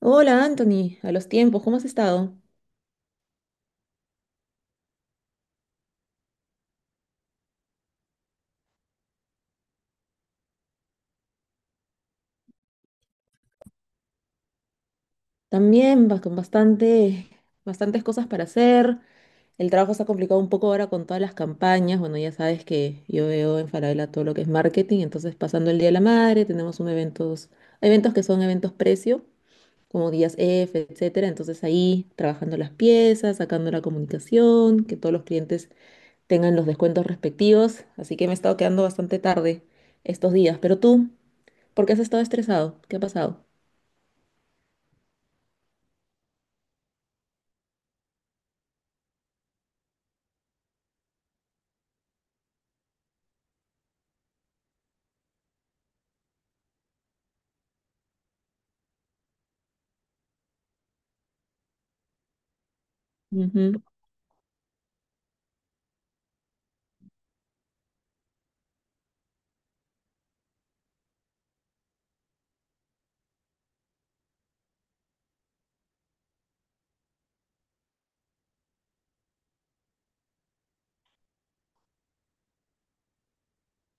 Hola Anthony, a los tiempos, ¿cómo has estado? También va con bastantes cosas para hacer. El trabajo se ha complicado un poco ahora con todas las campañas. Bueno, ya sabes que yo veo en Falabella todo lo que es marketing, entonces pasando el Día de la Madre, tenemos eventos que son eventos precio, como días F, etcétera. Entonces ahí trabajando las piezas, sacando la comunicación, que todos los clientes tengan los descuentos respectivos. Así que me he estado quedando bastante tarde estos días. Pero tú, ¿por qué has estado estresado? ¿Qué ha pasado? Ujú.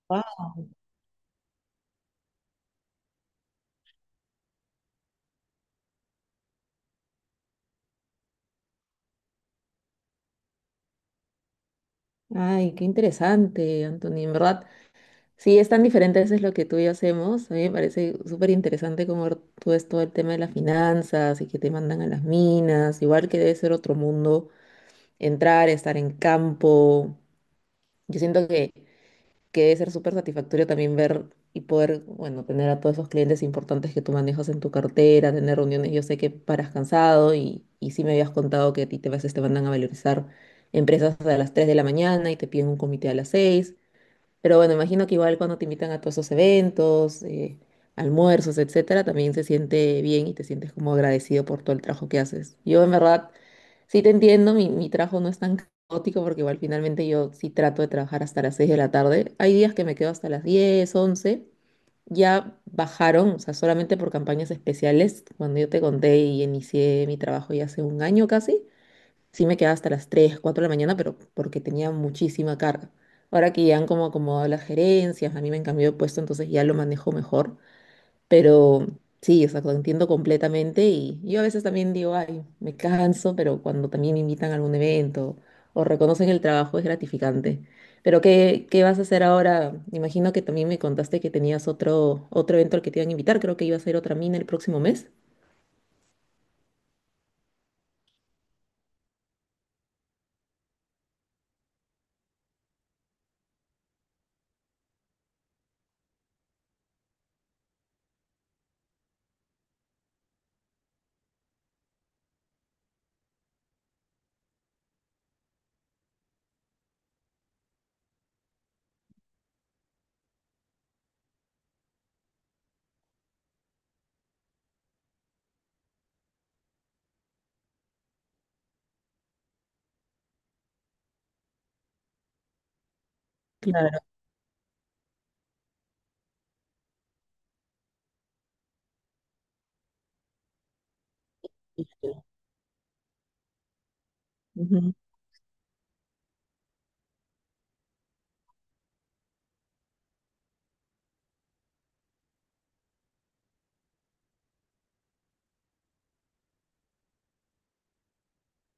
Ah. Ay, qué interesante, Anthony. En verdad, sí, es tan diferente a veces lo que tú y yo hacemos. A mí me parece súper interesante cómo tú ves todo el tema de las finanzas y que te mandan a las minas. Igual que debe ser otro mundo entrar, estar en campo. Yo siento que debe ser súper satisfactorio también ver y poder, bueno, tener a todos esos clientes importantes que tú manejas en tu cartera, tener reuniones. Yo sé que paras cansado y sí me habías contado que a ti te vas, te mandan a valorizar empresas a las 3 de la mañana y te piden un comité a las 6, pero bueno, imagino que igual cuando te invitan a todos esos eventos, almuerzos, etcétera, también se siente bien y te sientes como agradecido por todo el trabajo que haces. Yo en verdad sí te entiendo, mi trabajo no es tan caótico porque igual finalmente yo sí trato de trabajar hasta las 6 de la tarde. Hay días que me quedo hasta las 10, 11. Ya bajaron, o sea, solamente por campañas especiales. Cuando yo te conté y inicié mi trabajo ya hace un año casi, sí me quedaba hasta las 3, 4 de la mañana, pero porque tenía muchísima carga. Ahora que ya han como acomodado las gerencias, a mí me han cambiado de puesto, entonces ya lo manejo mejor. Pero sí, o sea, lo entiendo completamente y yo a veces también digo, ay, me canso, pero cuando también me invitan a algún evento o reconocen el trabajo es gratificante. Pero ¿qué vas a hacer ahora? Imagino que también me contaste que tenías otro evento al que te iban a invitar, creo que iba a ser otra mina el próximo mes. Claro. Ujú.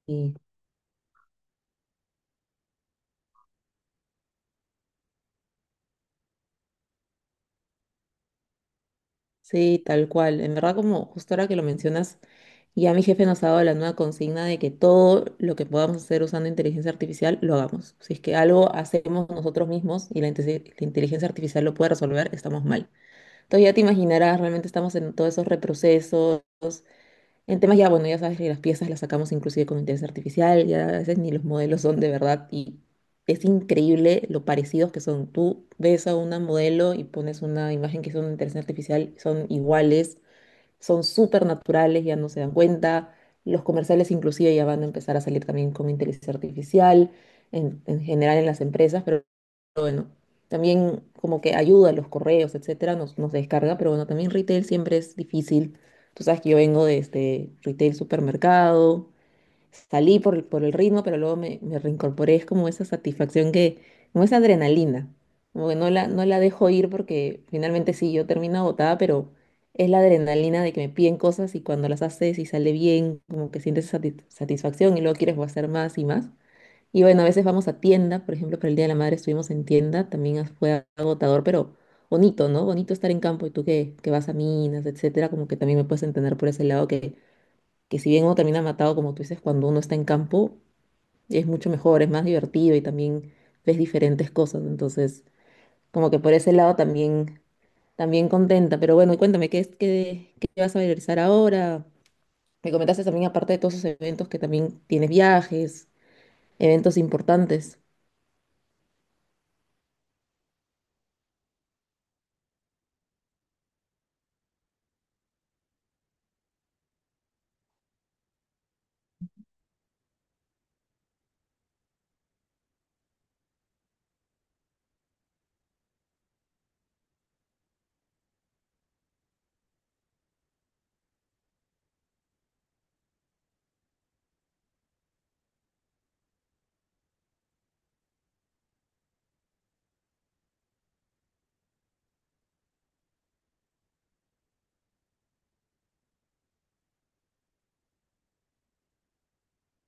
Y sí, tal cual. En verdad, como justo ahora que lo mencionas, ya mi jefe nos ha dado la nueva consigna de que todo lo que podamos hacer usando inteligencia artificial, lo hagamos. Si es que algo hacemos nosotros mismos y la inteligencia artificial lo puede resolver, estamos mal. Entonces ya te imaginarás, realmente estamos en todos esos reprocesos, el tema ya, bueno, ya sabes que las piezas las sacamos inclusive con inteligencia artificial, ya a veces ni los modelos son de verdad y es increíble lo parecidos que son. Tú ves a una modelo y pones una imagen que es una inteligencia artificial, son iguales, son súper naturales, ya no se dan cuenta. Los comerciales inclusive ya van a empezar a salir también con inteligencia artificial, en general en las empresas, pero también como que ayuda, los correos, etcétera, nos descarga, pero bueno, también retail siempre es difícil. Tú sabes que yo vengo de este retail supermercado, salí por por el ritmo, pero luego me reincorporé, es como esa satisfacción que, como esa adrenalina, como que no la dejo ir porque finalmente sí, yo termino agotada, pero es la adrenalina de que me piden cosas y cuando las haces y sale bien, como que sientes satisfacción y luego quieres hacer más y más. Y bueno, a veces vamos a tienda, por ejemplo, para el Día de la Madre estuvimos en tienda, también fue agotador, pero bonito, ¿no? Bonito estar en campo y tú que vas a minas, etcétera, como que también me puedes entender por ese lado que si bien uno termina matado, como tú dices, cuando uno está en campo es mucho mejor, es más divertido y también ves diferentes cosas, entonces como que por ese lado también, también contenta, pero bueno, cuéntame, ¿qué vas a realizar ahora? Me comentaste también, aparte de todos esos eventos, que también tienes viajes, eventos importantes.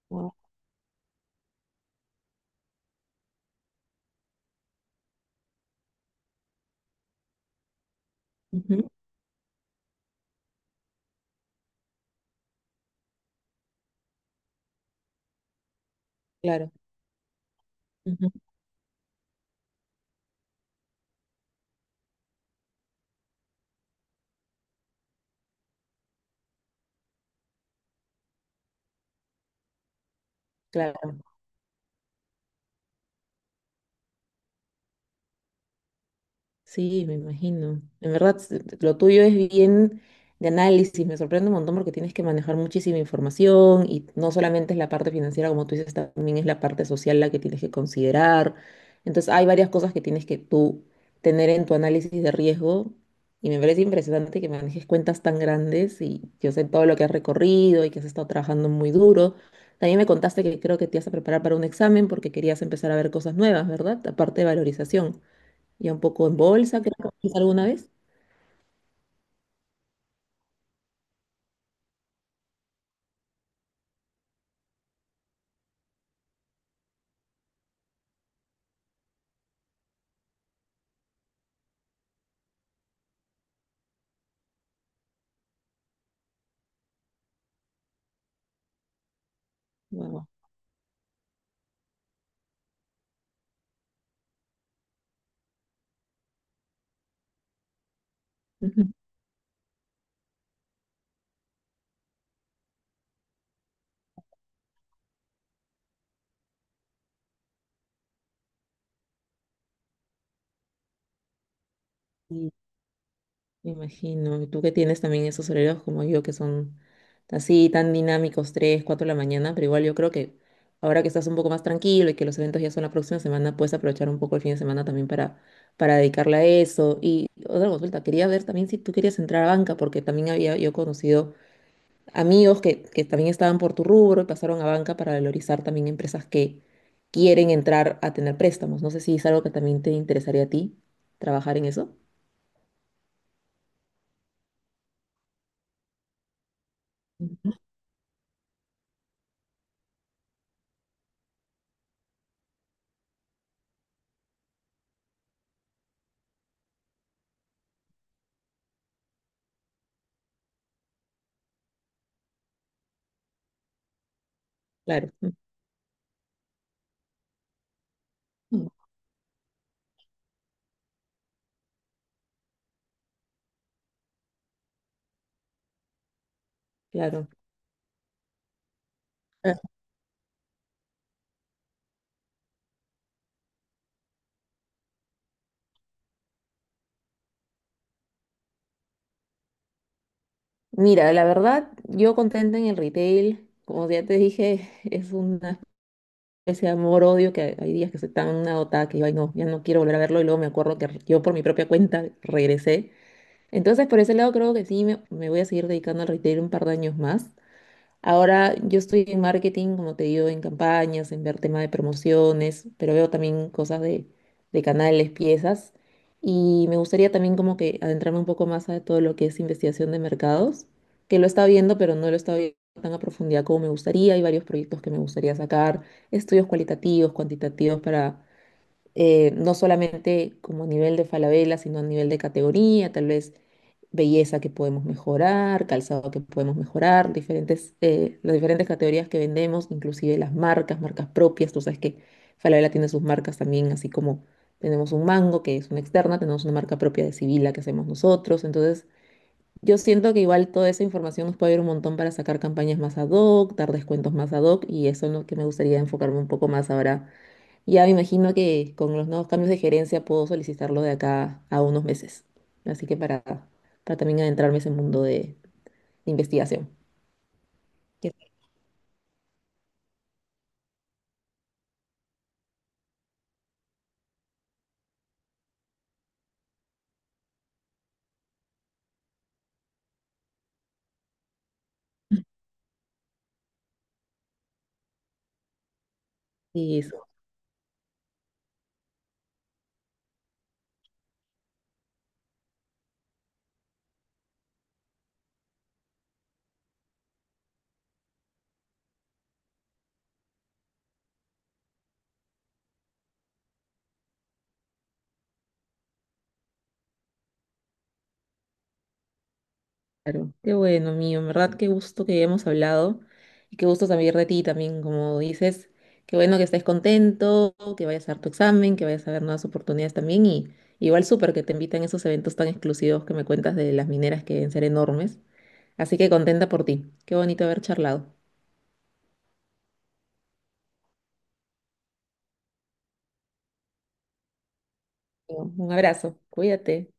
Wao. Claro, ujú, claro. Sí, me imagino. En verdad, lo tuyo es bien de análisis. Me sorprende un montón porque tienes que manejar muchísima información y no solamente es la parte financiera, como tú dices, también es la parte social la que tienes que considerar. Entonces, hay varias cosas que tienes que tú tener en tu análisis de riesgo y me parece impresionante que manejes cuentas tan grandes y yo sé todo lo que has recorrido y que has estado trabajando muy duro. También me contaste que creo que te ibas a preparar para un examen porque querías empezar a ver cosas nuevas, ¿verdad? Aparte de valorización ya un poco en bolsa, creo que hiciste alguna vez. Wow. Ujú. Sí, me imagino. Y tú que tienes también esos horarios como yo, que son así tan dinámicos, 3, 4 de la mañana, pero igual yo creo que ahora que estás un poco más tranquilo y que los eventos ya son la próxima semana, puedes aprovechar un poco el fin de semana también para dedicarle a eso. Y otra consulta, quería ver también si tú querías entrar a banca, porque también había yo conocido amigos que también estaban por tu rubro y pasaron a banca para valorizar también empresas que quieren entrar a tener préstamos. No sé si es algo que también te interesaría a ti, trabajar en eso. Claro. Mm, claro. Ah. Mira, la verdad, yo contenta en el retail, como ya te dije, es una especie de amor-odio que hay días que soy tan agotada que yo, ay, no, ya no quiero volver a verlo y luego me acuerdo que yo por mi propia cuenta regresé. Entonces, por ese lado creo que sí, me voy a seguir dedicando al retail un par de años más. Ahora yo estoy en marketing, como te digo, en campañas, en ver tema de promociones, pero veo también cosas de canales, piezas. Y me gustaría también como que adentrarme un poco más a todo lo que es investigación de mercados, que lo he estado viendo, pero no lo he estado viendo tan a profundidad como me gustaría. Hay varios proyectos que me gustaría sacar, estudios cualitativos, cuantitativos para no solamente como a nivel de Falabella, sino a nivel de categoría, tal vez belleza que podemos mejorar, calzado que podemos mejorar, diferentes, las diferentes categorías que vendemos, inclusive las marcas, marcas propias. Tú sabes que Falabella tiene sus marcas también, así como tenemos un Mango, que es una externa, tenemos una marca propia de Sibila que hacemos nosotros. Entonces, yo siento que igual toda esa información nos puede ayudar un montón para sacar campañas más ad hoc, dar descuentos más ad hoc, y eso es lo que me gustaría enfocarme un poco más ahora. Ya me imagino que con los nuevos cambios de gerencia puedo solicitarlo de acá a unos meses. Así que para también adentrarme en ese mundo de investigación. Qué. Eso, claro. Qué bueno, mío. En verdad, qué gusto que hemos hablado y qué gusto saber de ti también, como dices. Qué bueno que estés contento, que vayas a dar tu examen, que vayas a ver nuevas oportunidades también. Y igual súper que te invitan a esos eventos tan exclusivos que me cuentas de las mineras que deben ser enormes. Así que contenta por ti. Qué bonito haber charlado. Un abrazo. Cuídate.